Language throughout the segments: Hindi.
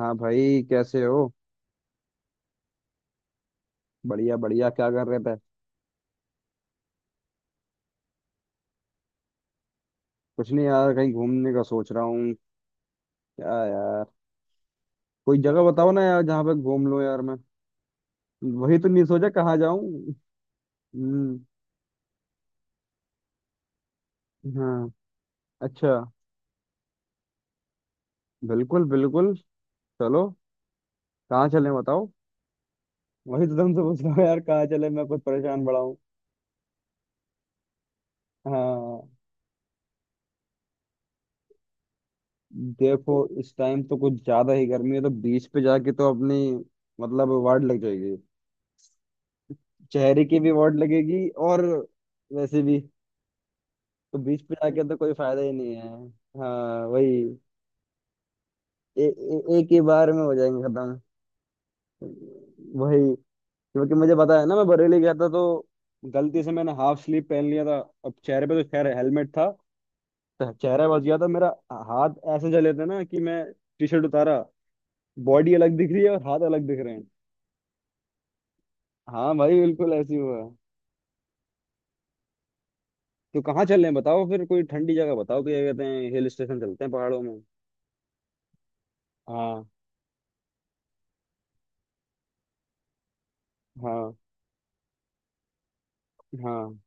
हाँ भाई, कैसे हो। बढ़िया बढ़िया, क्या कर रहे थे। कुछ नहीं यार, कहीं घूमने का सोच रहा हूँ। क्या यार। कोई जगह बताओ ना यार, जहाँ पे घूम लूँ यार मैं। वही तो नहीं सोचा कहाँ जाऊँ। हम्म। हाँ। अच्छा। बिल्कुल बिल्कुल। चलो। कहाँ चलें बताओ। वही तो तुमसे पूछ रहा हूँ यार, कहाँ चले, मैं कुछ परेशान बड़ा हूँ। हाँ। देखो, इस टाइम तो कुछ ज्यादा ही गर्मी है, तो बीच पे जाके तो अपनी मतलब वार्ड लग जाएगी। चेहरे की भी वार्ड लगेगी, और वैसे भी, तो बीच पे आके तो कोई फायदा ही नहीं है। हाँ वही। ए, ए, एक ही बार में हो जाएंगे खत्म। वही। क्योंकि मुझे पता है ना, मैं बरेली गया था तो गलती से मैंने हाफ स्लीव पहन लिया था। अब चेहरे पे तो खैर हेलमेट था, तो चेहरा बच गया था मेरा। हाथ ऐसे जले थे ना कि मैं टी शर्ट उतारा, बॉडी अलग दिख रही है और हाथ अलग दिख रहे हैं। हाँ भाई, बिल्कुल ऐसे ही हुआ। तो कहाँ चल रहे हैं बताओ फिर, कोई ठंडी जगह बताओ, क्या कहते हैं, हिल स्टेशन चलते हैं पहाड़ों में। हाँ। हाँ। हाँ।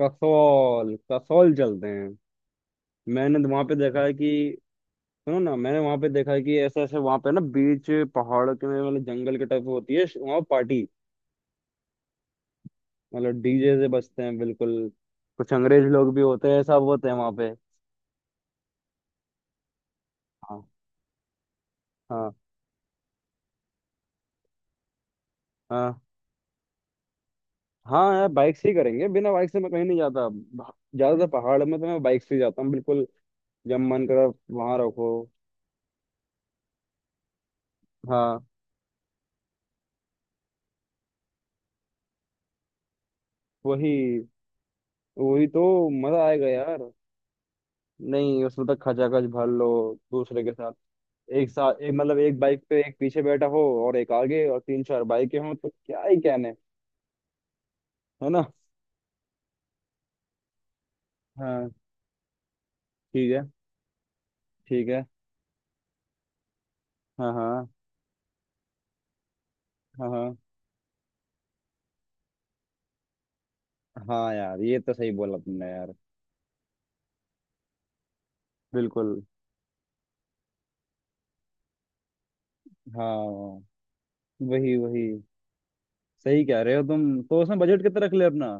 कसौल, कसौल चलते हैं। मैंने वहां पे देखा है कि सुनो ना, मैंने वहां पे देखा है कि ऐसे ऐसे वहां पे ना बीच पहाड़ के मतलब जंगल के टाइप होती है वहां पार्टी। मतलब डीजे से बजते हैं बिल्कुल। कुछ अंग्रेज लोग भी होते हैं, सब होते हैं वहां पे। हाँ हाँ। हाँ। हाँ यार बाइक से ही करेंगे, बिना बाइक से मैं कहीं नहीं जाता, ज्यादातर पहाड़ में तो मैं बाइक से ही जाता हूँ बिल्कुल। जब मन करा। वहां रखो। हाँ वही। वही तो। मजा आएगा यार। नहीं, उसमें तक खचाखच भर लो, दूसरे के साथ, एक साथ एक मतलब एक बाइक पे एक पीछे बैठा हो, और एक आगे और तीन चार बाइकें हों तो क्या ही कहने। है ना। हाँ। ठीक है ठीक है। हाँ हाँ। हाँ हाँ। हाँ यार, ये तो सही बोला तुमने यार। बिल्कुल। हाँ। वही वही। सही कह रहे हो तुम, तो उसमें बजट कितना रख ले अपना।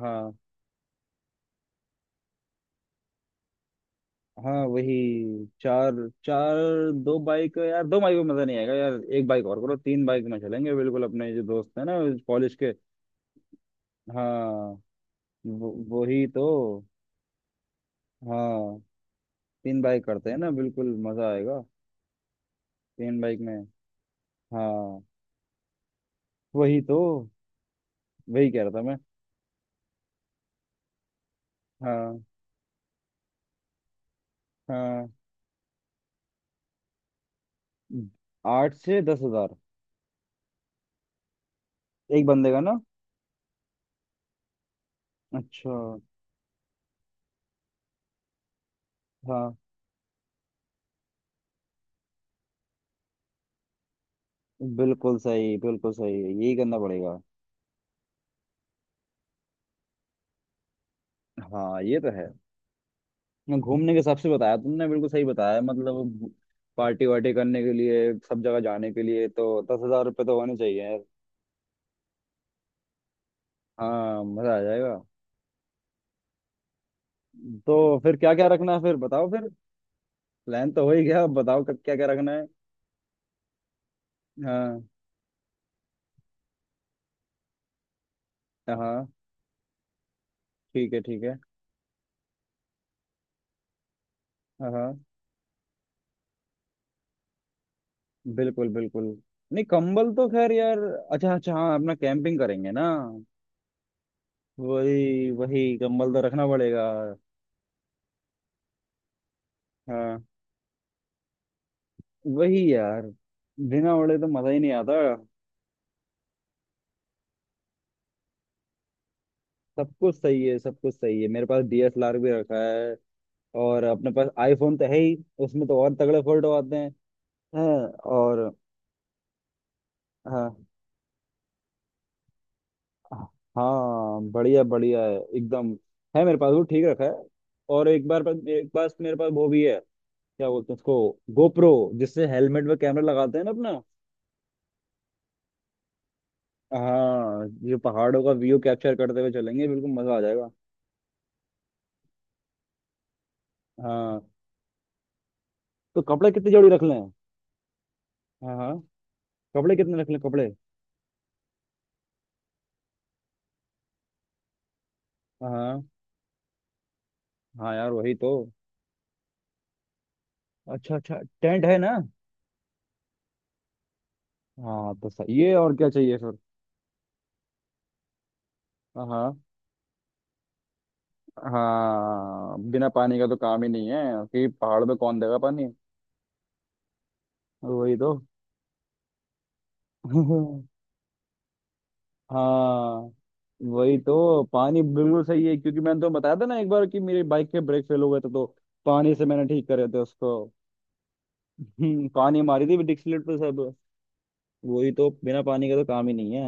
हाँ। हाँ वही। चार। चार। दो बाइक यार, दो बाइक में मजा नहीं आएगा यार, एक बाइक और करो, तीन बाइक में चलेंगे बिल्कुल, अपने जो दोस्त है ना कॉलेज के। हाँ। वही तो। हाँ। तीन बाइक करते हैं ना, बिल्कुल मजा आएगा। तीन बाइक में। हाँ। वही तो। वही कह रहा था मैं। हाँ। हाँ। 8 से 10 हज़ार। एक बंदे का ना। अच्छा। हाँ। बिल्कुल सही, बिल्कुल सही, यही करना पड़ेगा। हाँ ये तो है। ना, घूमने के हिसाब से बताया तुमने बिल्कुल सही बताया, मतलब पार्टी वार्टी करने के लिए, सब जगह जाने के लिए तो ₹10,000 तो होने चाहिए यार। हाँ मजा आ जाएगा। तो फिर क्या क्या रखना है फिर बताओ फिर। प्लान तो हो ही गया, अब बताओ क्या क्या रखना है। हाँ। हाँ। हाँ, ठीक है ठीक है। हाँ हाँ। बिल्कुल बिल्कुल। नहीं, कंबल तो खैर यार। अच्छा अच्छा, हाँ, अपना कैंपिंग करेंगे ना। वही वही, कंबल तो रखना पड़ेगा। हाँ। वही यार, बिना ओढ़े तो मजा ही नहीं आता। सब कुछ सही है, सब कुछ सही है, मेरे पास डीएसएलआर भी रखा है। और अपने पास आईफोन तो है ही, उसमें तो और तगड़े फोटो आते हैं। हैं, और। हाँ। हाँ, बढ़िया बढ़िया है एकदम, है मेरे पास, वो ठीक रखा है। और एक बार, एक बार मेरे पास वो भी है, क्या बोलते हैं उसको, गोप्रो, जिससे हेलमेट में कैमरा लगाते हैं ना अपना। हाँ, जो पहाड़ों का व्यू कैप्चर करते हुए चलेंगे, बिल्कुल मजा आ जाएगा। हाँ। तो कपड़े कितनी जोड़ी रख लें। हाँ हाँ। कपड़े कितने रख लें कपड़े। हाँ हाँ। हाँ यार वही तो। अच्छा अच्छा, टेंट है ना। हाँ, तो सही है, और क्या चाहिए फिर। हाँ। हाँ। हाँ, बिना पानी का तो काम ही नहीं है। कि पहाड़ में कौन देगा पानी। वही तो। हाँ वही तो, पानी बिल्कुल सही है, क्योंकि मैंने तो बताया था ना एक बार कि मेरी बाइक के ब्रेक फेल हो गए थे, तो पानी से मैंने ठीक करे थे उसको। पानी मारी थी डिक्सलेट पे सब। वही तो, बिना पानी का तो काम ही नहीं है।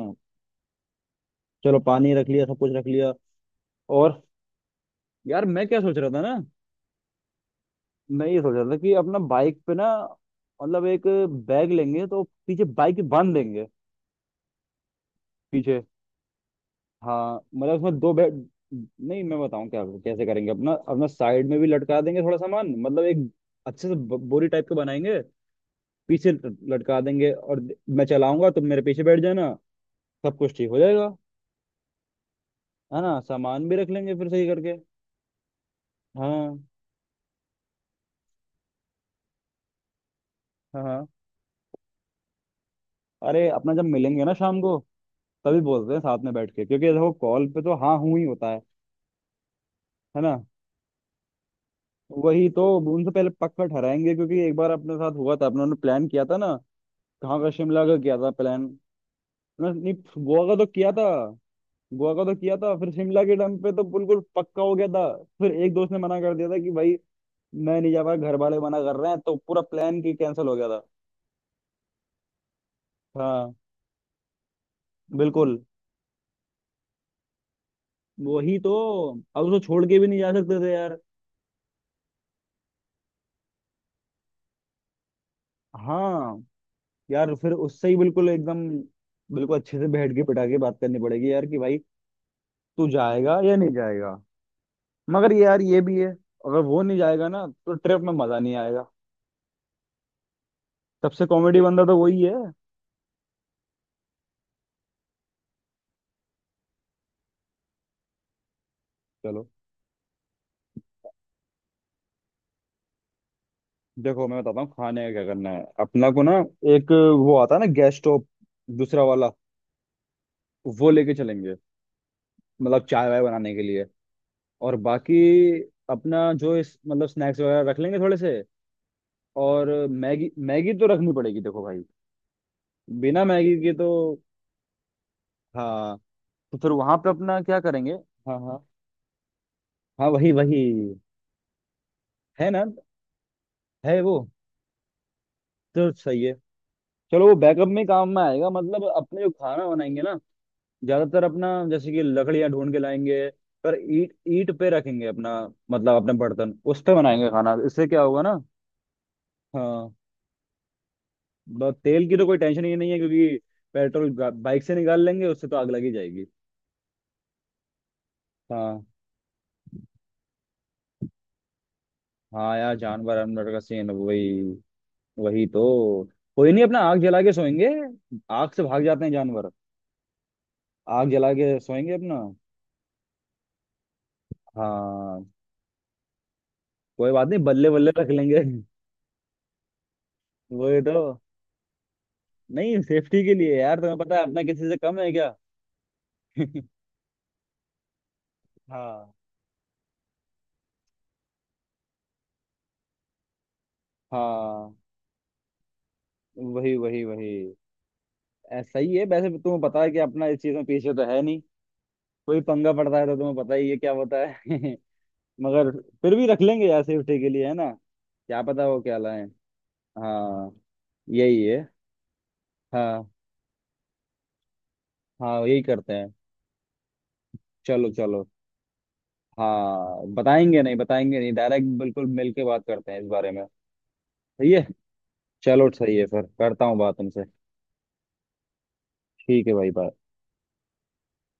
चलो, पानी रख लिया, सब कुछ रख लिया। और यार मैं क्या सोच रहा था ना, मैं ये सोच रहा था कि अपना बाइक पे ना, मतलब एक बैग लेंगे तो पीछे बाइक बांध देंगे, पीछे। हाँ, मतलब उसमें दो बैग। नहीं मैं बताऊं क्या, कैसे करेंगे अपना, अपना साइड में भी लटका देंगे थोड़ा सामान, मतलब एक अच्छे से बोरी टाइप का बनाएंगे, पीछे लटका देंगे, और मैं चलाऊंगा, तुम मेरे पीछे बैठ जाना, सब कुछ ठीक हो जाएगा। है ना, सामान भी रख लेंगे फिर सही करके। हाँ हाँ। हाँ, अरे अपना जब मिलेंगे ना शाम को तभी बोलते हैं साथ में बैठ के, क्योंकि देखो कॉल पे तो हाँ हूँ ही होता है। है ना। वही तो, उनसे पहले पक्का ठहराएंगे, क्योंकि एक बार अपने साथ हुआ था, अपने उन्होंने प्लान किया था ना, कहाँ का, शिमला का किया था प्लान। नहीं, गोवा का तो किया था। गोवा का तो किया था, फिर शिमला के टाइम पे तो बिल्कुल पक्का हो गया था, फिर एक दोस्त ने मना कर दिया था कि भाई, मैं नहीं जा पाया, घर वाले मना कर रहे हैं, तो पूरा प्लान की कैंसिल हो गया था। हाँ। बिल्कुल। वही तो, अब उसको छोड़ के भी नहीं जा सकते थे यार। हाँ। यार फिर उससे ही बिल्कुल एकदम, बिल्कुल अच्छे से बैठ के पिटा के बात करनी पड़ेगी यार कि भाई, तू जाएगा या नहीं जाएगा। मगर ये यार ये भी है, अगर वो नहीं जाएगा ना तो ट्रिप में मजा नहीं आएगा। सबसे कॉमेडी बंदा तो वही है। चलो। देखो मैं बताता हूँ, खाने का क्या करना है अपना को ना। एक, वो आता है ना गैस स्टोव दूसरा वाला, वो लेके चलेंगे, मतलब चाय वाय बनाने के लिए। और बाकी अपना जो इस मतलब स्नैक्स वगैरह रख लेंगे थोड़े से। और मैगी, मैगी तो रखनी पड़ेगी देखो भाई, बिना मैगी के तो। हाँ। तो फिर वहां पे अपना क्या करेंगे। हाँ हाँ। हाँ वही वही। है ना, है वो। तो सही है। चलो, वो बैकअप में काम में आएगा, मतलब अपने जो खाना बनाएंगे ना, ज्यादातर अपना जैसे कि लकड़ियां ढूंढ के लाएंगे, पर ईट ईट पे रखेंगे अपना, मतलब अपने बर्तन उस पे बनाएंगे खाना, इससे क्या होगा ना। हाँ। तेल की तो कोई टेंशन ही नहीं है, क्योंकि पेट्रोल बाइक से निकाल लेंगे, उससे तो आग लगी जाएगी। हाँ। हाँ यार, जानवर अनवर का सीन, वही। वही तो, कोई नहीं, अपना आग जला के सोएंगे, आग से भाग जाते हैं जानवर। आग जला के सोएंगे अपना। हाँ। कोई बात नहीं, बल्ले बल्ले रख लेंगे। वही तो, नहीं सेफ्टी के लिए यार, तुम्हें पता है अपना किसी से कम है क्या। हाँ। हाँ वही वही वही। ऐ, सही है वैसे, तुम्हें पता है कि अपना इस चीज में पीछे तो है नहीं, कोई पंगा पड़ता है तो तुम्हें पता ही है क्या होता है। मगर फिर भी रख लेंगे यार सेफ्टी के लिए, है ना। क्या पता वो क्या लाए। हाँ। यही है। हाँ। हाँ यही करते हैं, चलो चलो। हाँ बताएंगे नहीं, बताएंगे नहीं, डायरेक्ट बिल्कुल मिल के बात करते हैं इस बारे में। सही है। चलो सही है, फिर करता हूँ बात तुमसे। ठीक है भाई, बाय।